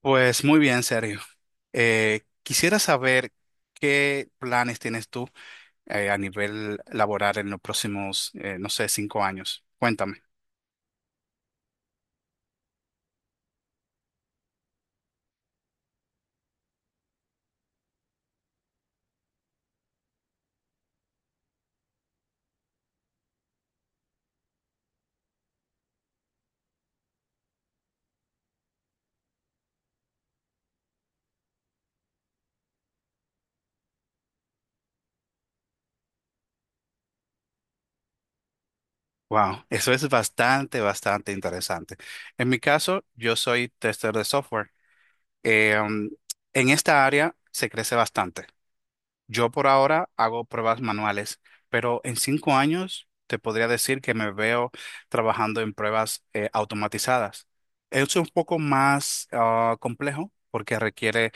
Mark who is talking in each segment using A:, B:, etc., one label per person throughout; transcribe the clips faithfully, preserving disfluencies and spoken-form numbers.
A: Pues muy bien, Sergio. Eh, quisiera saber qué planes tienes tú eh, a nivel laboral en los próximos, eh, no sé, cinco años. Cuéntame. Wow, eso es bastante, bastante interesante. En mi caso, yo soy tester de software. Eh, um, en esta área se crece bastante. Yo por ahora hago pruebas manuales, pero en cinco años te podría decir que me veo trabajando en pruebas eh, automatizadas. Es un poco más ah, complejo porque requiere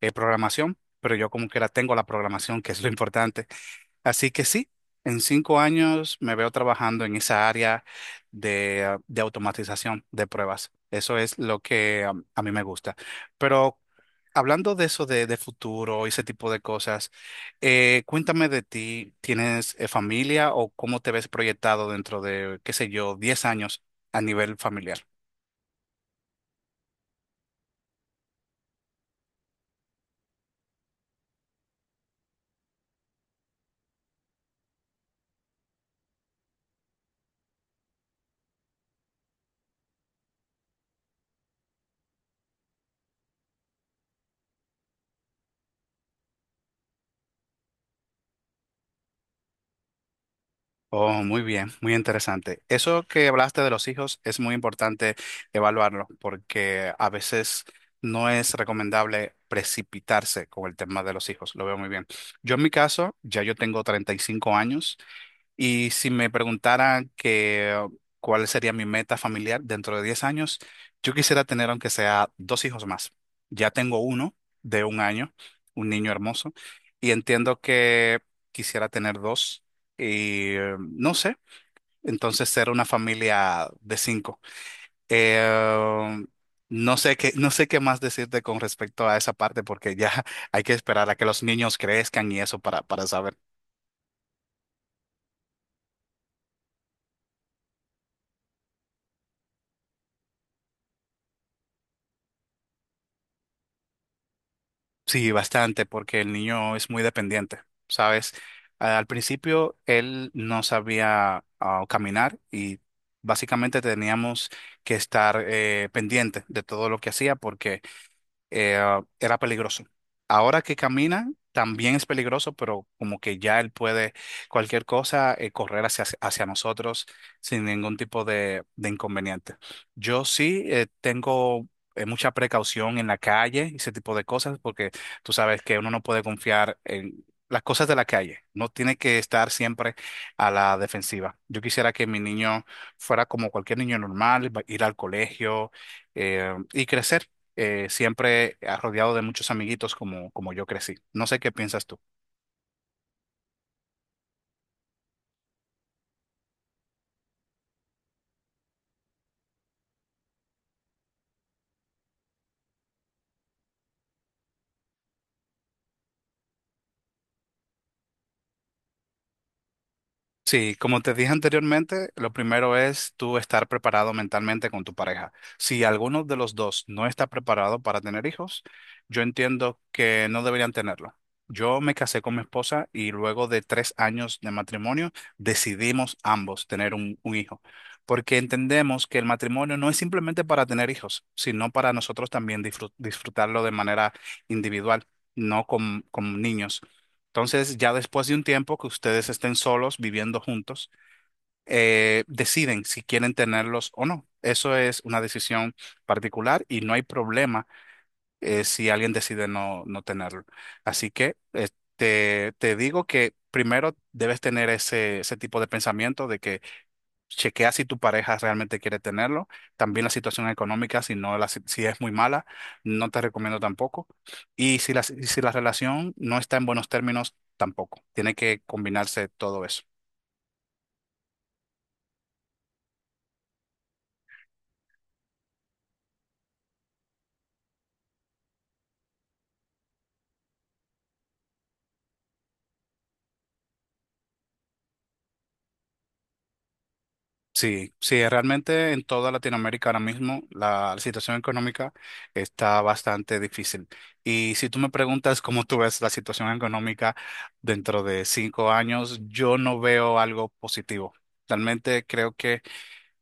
A: eh, programación, pero yo como que la tengo la programación, que es lo importante. Así que sí, en cinco años me veo trabajando en esa área de, ah, de automatización de pruebas. Eso es lo que ah, a mí me gusta. Pero hablando de eso de, de futuro y ese tipo de cosas, eh, cuéntame de ti. ¿Tienes eh, familia o cómo te ves proyectado dentro de, qué sé yo, diez años a nivel familiar? Oh, muy bien, muy interesante. Eso que hablaste de los hijos es muy importante evaluarlo porque a veces no es recomendable precipitarse con el tema de los hijos. Lo veo muy bien. Yo en mi caso, ya yo tengo treinta y cinco años. Y si me preguntaran que uh, cuál sería mi meta familiar dentro de diez años, yo quisiera tener aunque sea dos hijos más. Ya tengo uno de un año, un niño hermoso, y entiendo que quisiera tener dos y eh, no sé, entonces ser una familia de cinco. Eh, no sé qué, no sé qué más decirte con respecto a esa parte porque ya hay que esperar a que los niños crezcan y eso para, para saber. Sí, bastante, porque el niño es muy dependiente, ¿sabes? Al principio él no sabía ah, caminar y básicamente teníamos que estar eh, pendiente de todo lo que hacía porque eh, era peligroso. Ahora que camina, también es peligroso, pero como que ya él puede cualquier cosa eh, correr hacia, hacia nosotros sin ningún tipo de, de inconveniente. Yo sí eh, tengo eh, mucha precaución en la calle y ese tipo de cosas, porque tú sabes que uno no puede confiar en las cosas de la calle. No tiene que estar siempre a la defensiva. Yo quisiera que mi niño fuera como cualquier niño normal, va- ir al colegio eh, y crecer eh, siempre eh, rodeado de muchos amiguitos como, como yo crecí. No sé qué piensas tú. Sí, como te dije anteriormente, lo primero es tú estar preparado mentalmente con tu pareja. Si alguno de los dos no está preparado para tener hijos, yo entiendo que no deberían tenerlo. Yo me casé con mi esposa y luego de tres años de matrimonio decidimos ambos tener un, un hijo, porque entendemos que el matrimonio no es simplemente para tener hijos, sino para nosotros también disfrut- disfrutarlo de manera individual, no con con niños. Entonces, ya después de un tiempo que ustedes estén solos viviendo juntos, eh, deciden si quieren tenerlos o no. Eso es una decisión particular y no hay problema eh, si alguien decide no, no tenerlo. Así que eh, te, te digo que primero debes tener ese, ese tipo de pensamiento. De que Chequea si tu pareja realmente quiere tenerlo. También la situación económica, si no la si si es muy mala, no te recomiendo tampoco. Y si la, y si la relación no está en buenos términos, tampoco. Tiene que combinarse todo eso. Sí, sí, realmente en toda Latinoamérica ahora mismo la situación económica está bastante difícil. Y si tú me preguntas cómo tú ves la situación económica dentro de cinco años, yo no veo algo positivo. Realmente creo que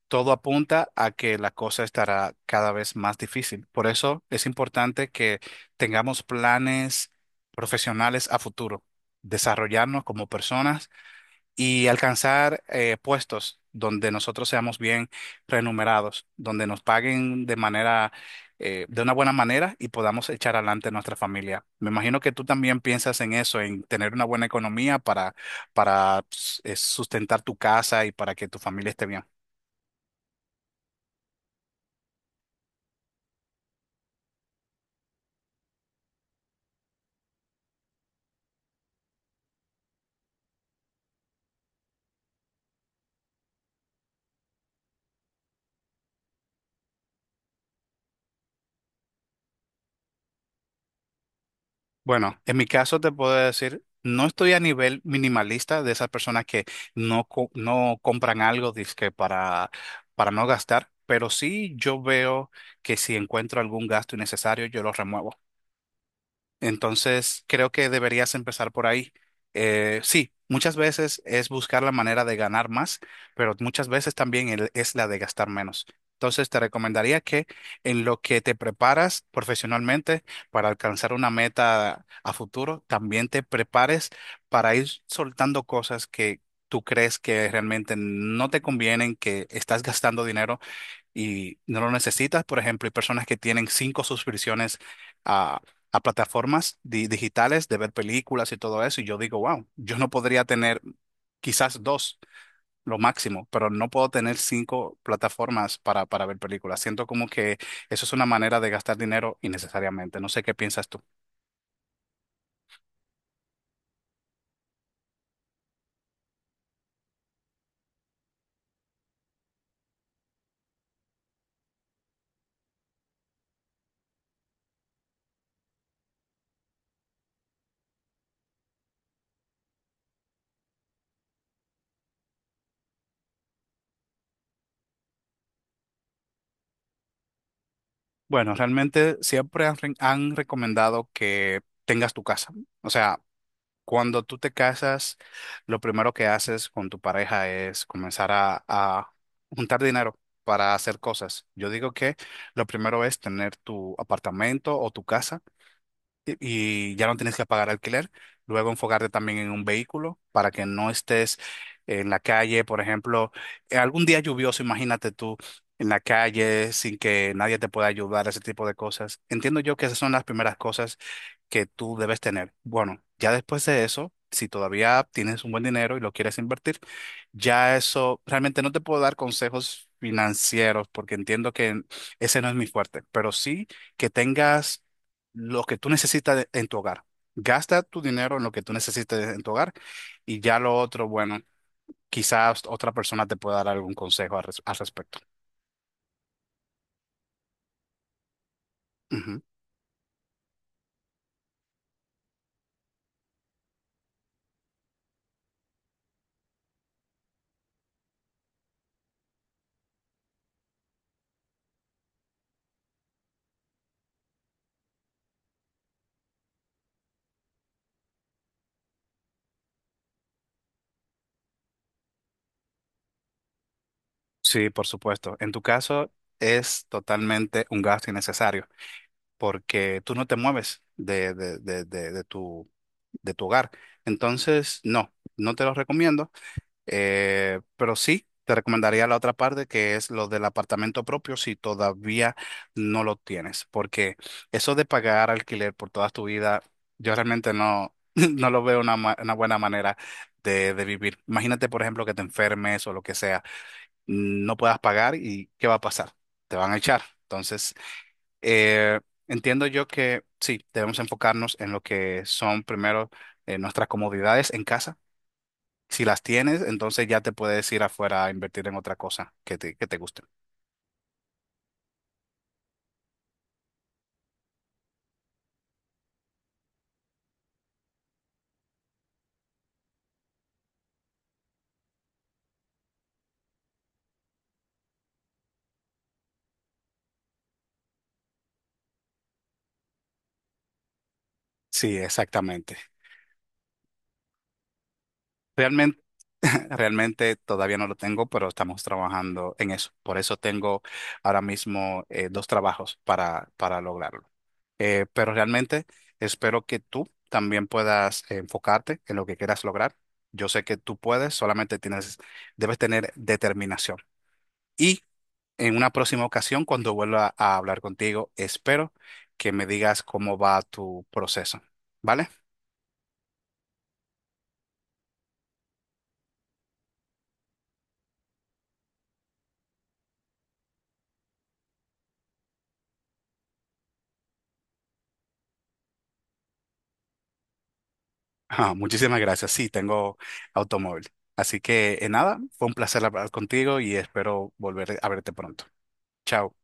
A: todo apunta a que la cosa estará cada vez más difícil. Por eso es importante que tengamos planes profesionales a futuro, desarrollarnos como personas y alcanzar eh, puestos donde nosotros seamos bien remunerados, donde nos paguen de manera, eh, de una buena manera, y podamos echar adelante nuestra familia. Me imagino que tú también piensas en eso, en tener una buena economía para, para eh, sustentar tu casa y para que tu familia esté bien. Bueno, en mi caso te puedo decir, no estoy a nivel minimalista de esas personas que no, co- no compran algo dizque para, para no gastar, pero sí yo veo que si encuentro algún gasto innecesario, yo lo remuevo. Entonces, creo que deberías empezar por ahí. Eh, sí, muchas veces es buscar la manera de ganar más, pero muchas veces también el- es la de gastar menos. Entonces, te recomendaría que en lo que te preparas profesionalmente para alcanzar una meta a futuro, también te prepares para ir soltando cosas que tú crees que realmente no te convienen, que estás gastando dinero y no lo necesitas. Por ejemplo, hay personas que tienen cinco suscripciones a, a plataformas di- digitales de ver películas y todo eso. Y yo digo, wow, yo no podría tener quizás dos, lo máximo, pero no puedo tener cinco plataformas para, para ver películas. Siento como que eso es una manera de gastar dinero innecesariamente. No sé qué piensas tú. Bueno, realmente siempre han, re- han recomendado que tengas tu casa. O sea, cuando tú te casas, lo primero que haces con tu pareja es comenzar a, a juntar dinero para hacer cosas. Yo digo que lo primero es tener tu apartamento o tu casa y ya no tienes que pagar alquiler. Luego enfocarte también en un vehículo para que no estés en la calle, por ejemplo, en algún día lluvioso, imagínate tú en la calle sin que nadie te pueda ayudar, ese tipo de cosas. Entiendo yo que esas son las primeras cosas que tú debes tener. Bueno, ya después de eso, si todavía tienes un buen dinero y lo quieres invertir, ya eso realmente no te puedo dar consejos financieros porque entiendo que ese no es mi fuerte, pero sí que tengas lo que tú necesitas en tu hogar. Gasta tu dinero en lo que tú necesites en tu hogar y ya lo otro, bueno, quizás otra persona te pueda dar algún consejo al, res- al respecto. Ujú. Sí, por supuesto. En tu caso es totalmente un gasto innecesario porque tú no te mueves de, de, de, de, de tu, de tu hogar. Entonces, no, no te lo recomiendo. Eh, pero sí, te recomendaría la otra parte que es lo del apartamento propio si todavía no lo tienes, porque eso de pagar alquiler por toda tu vida, yo realmente no, no lo veo una, ma- una buena manera de, de vivir. Imagínate, por ejemplo, que te enfermes o lo que sea, no puedas pagar y ¿qué va a pasar? Te van a echar. Entonces, eh, entiendo yo que sí, debemos enfocarnos en lo que son primero eh, nuestras comodidades en casa si las tienes, entonces ya te puedes ir afuera a invertir en otra cosa que te, que te guste. Sí, exactamente. Realmente, realmente todavía no lo tengo, pero estamos trabajando en eso. Por eso tengo ahora mismo eh, dos trabajos para, para lograrlo. Eh, pero realmente espero que tú también puedas eh, enfocarte en lo que quieras lograr. Yo sé que tú puedes, solamente tienes, debes tener determinación. Y en una próxima ocasión, cuando vuelva a hablar contigo, espero que me digas cómo va tu proceso, ¿vale? Ah, muchísimas gracias. Sí, tengo automóvil. Así que, eh, nada, fue un placer hablar contigo y espero volver a verte pronto. Chao.